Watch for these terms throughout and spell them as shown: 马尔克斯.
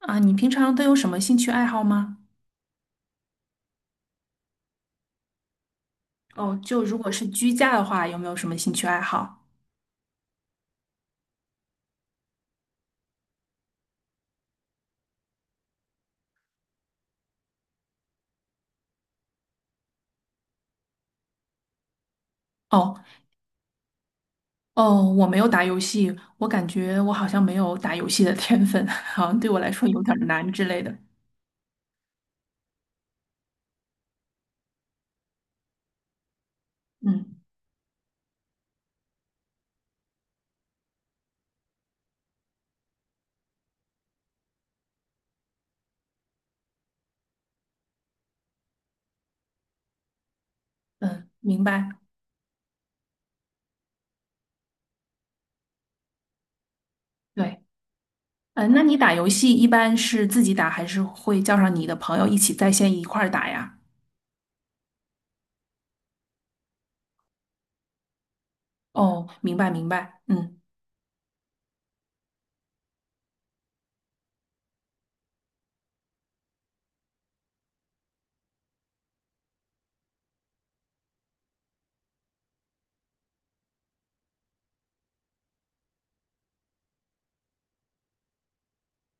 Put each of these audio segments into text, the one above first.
啊，你平常都有什么兴趣爱好吗？哦，就如果是居家的话，有没有什么兴趣爱好？哦哦，我没有打游戏，我感觉我好像没有打游戏的天分，好像对我来说有点儿难之类的。嗯嗯，明白。对，嗯，那你打游戏一般是自己打，还是会叫上你的朋友一起在线一块儿打呀？哦，明白明白。嗯。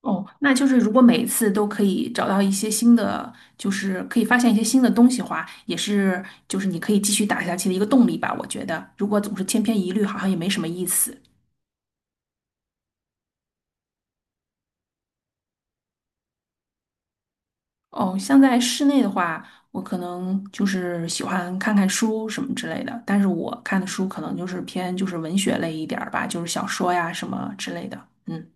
哦，那就是如果每一次都可以找到一些新的，就是可以发现一些新的东西的话，也是就是你可以继续打下去的一个动力吧。我觉得，如果总是千篇一律，好像也没什么意思。哦，像在室内的话，我可能就是喜欢看看书什么之类的，但是我看的书可能就是偏就是文学类一点儿吧，就是小说呀什么之类的。嗯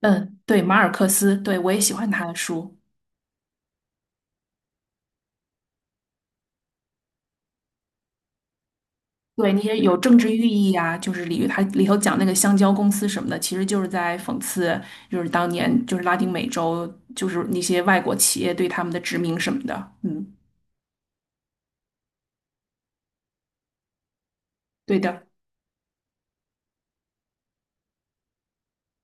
嗯，对，马尔克斯，对，我也喜欢他的书。对那些有政治寓意啊，就是它里头讲那个香蕉公司什么的，其实就是在讽刺，就是当年就是拉丁美洲，就是那些外国企业对他们的殖民什么的。嗯，对的。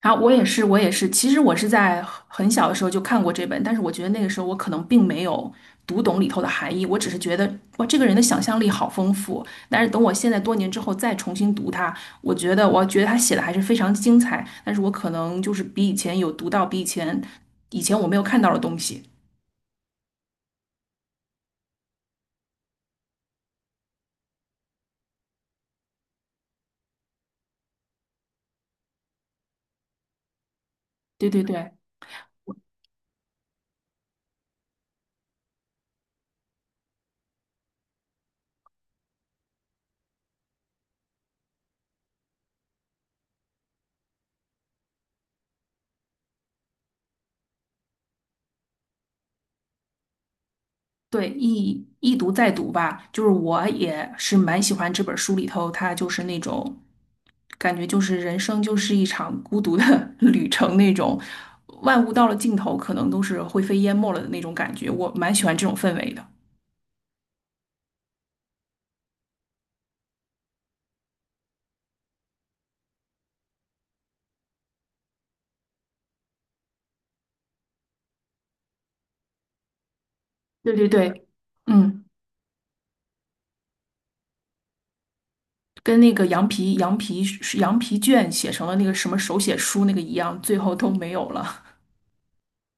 然后我也是，我也是。其实我是在很小的时候就看过这本，但是我觉得那个时候我可能并没有读懂里头的含义，我只是觉得哇，这个人的想象力好丰富。但是等我现在多年之后再重新读它，我觉得我觉得他写的还是非常精彩，但是我可能就是比以前有读到比以前以前我没有看到的东西。对对对。对，一读再读吧，就是我也是蛮喜欢这本书里头，它就是那种感觉，就是人生就是一场孤独的 旅程那种，万物到了尽头，可能都是灰飞烟灭了的那种感觉，我蛮喜欢这种氛围的。对对对，嗯，跟那个羊皮是羊皮卷写成了那个什么手写书那个一样，最后都没有了，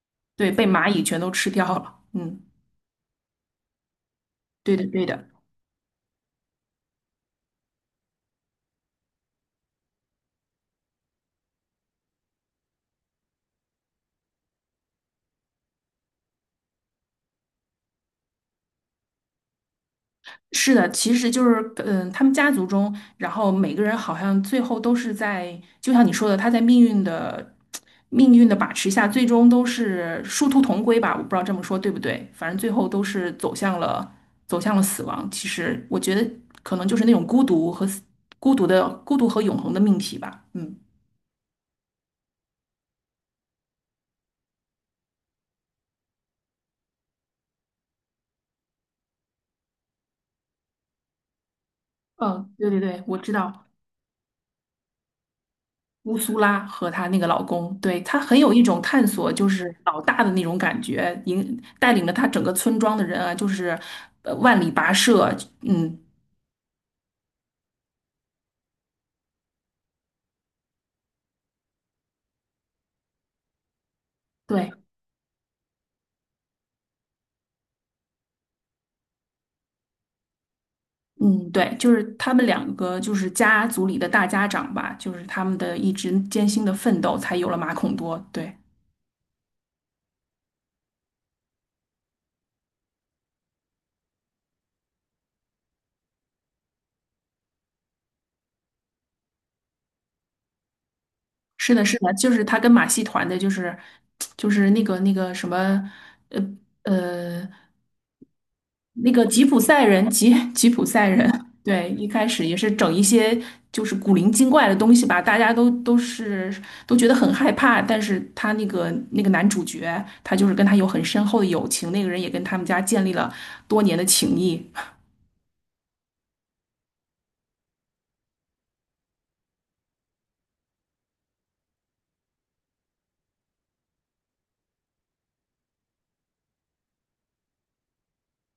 对，被蚂蚁全都吃掉了。嗯，对的对的。是的，其实就是，嗯，他们家族中，然后每个人好像最后都是在，就像你说的，他在命运的把持下，最终都是殊途同归吧。我不知道这么说对不对，反正最后都是走向了死亡。其实我觉得可能就是那种孤独和永恒的命题吧。嗯嗯，对对对，我知道。乌苏拉和她那个老公，对，她很有一种探索就是老大的那种感觉，引带领着她整个村庄的人啊，就是呃万里跋涉，嗯，对，嗯，对，就是他们两个就是家族里的大家长吧，就是他们的一直艰辛的奋斗，才有了马孔多。对，是的，是的，就是他跟马戏团的，就是那个什么，呃。呃，那个吉普赛人，对，一开始也是整一些就是古灵精怪的东西吧，大家都觉得很害怕，但是他那个男主角，他就是跟他有很深厚的友情，那个人也跟他们家建立了多年的情谊。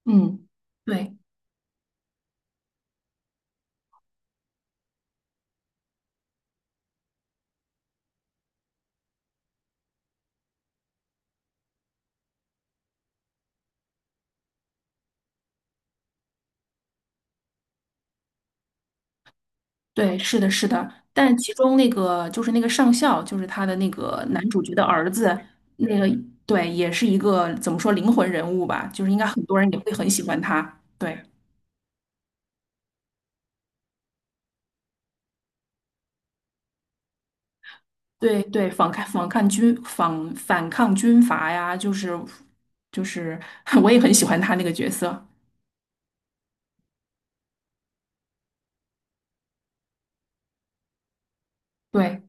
嗯，对对，是的，是的。但其中那个就是那个上校，就是他的那个男主角的儿子，那个对，也是一个怎么说灵魂人物吧，就是应该很多人也会很喜欢他。对。对对，反抗军阀呀，就是，我也很喜欢他那个角色。对，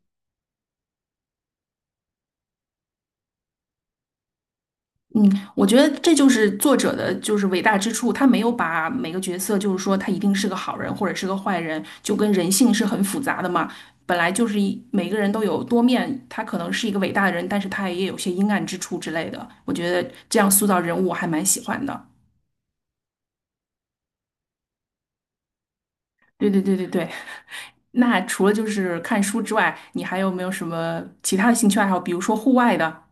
嗯，我觉得这就是作者的就是伟大之处，他没有把每个角色就是说他一定是个好人或者是个坏人，就跟人性是很复杂的嘛。本来就是每个人都有多面，他可能是一个伟大的人，但是他也有些阴暗之处之类的。我觉得这样塑造人物我还蛮喜欢的。对对对对对。那除了就是看书之外，你还有没有什么其他的兴趣爱好？比如说户外的。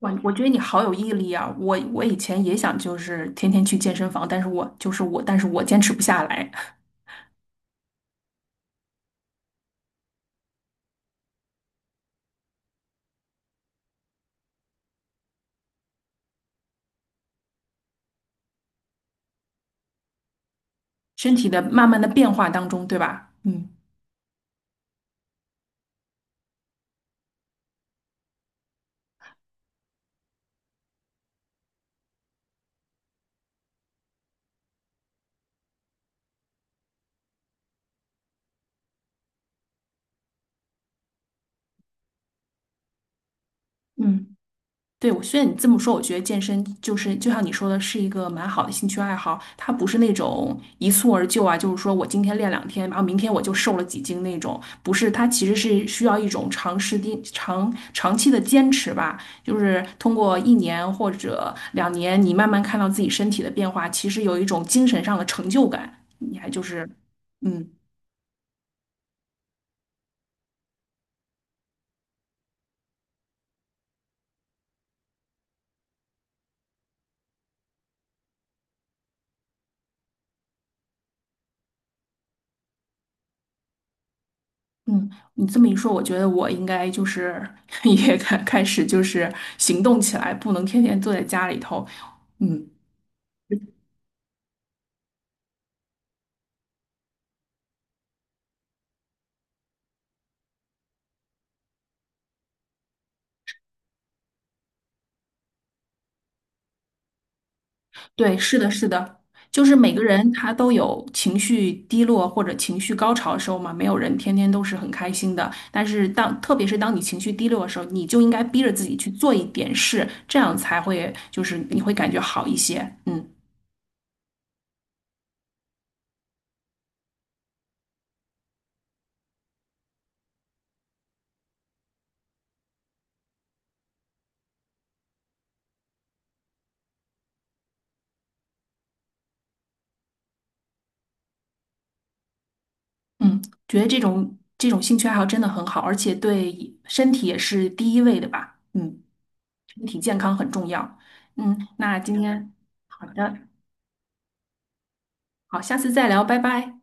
哇，我觉得你好有毅力啊！我以前也想就是天天去健身房，但是我就是我，但是我坚持不下来，身体的慢慢的变化当中，对吧？嗯嗯。对，我虽然你这么说，我觉得健身就是就像你说的，是一个蛮好的兴趣爱好。它不是那种一蹴而就啊，就是说我今天练两天，然后明天我就瘦了几斤那种。不是，它其实是需要一种长时间、长期的坚持吧。就是通过一年或者两年，你慢慢看到自己身体的变化，其实有一种精神上的成就感。你还就是，嗯。嗯，你这么一说，我觉得我应该就是 也开始就是行动起来，不能天天坐在家里头。嗯，对，是的，是的，就是每个人他都有情绪低落或者情绪高潮的时候嘛，没有人天天都是很开心的。但是当特别是当你情绪低落的时候，你就应该逼着自己去做一点事，这样才会就是你会感觉好一些。嗯嗯，觉得这种兴趣爱好真的很好，而且对身体也是第一位的吧。嗯。身体健康很重要。嗯，那今天好的，好，下次再聊，拜拜。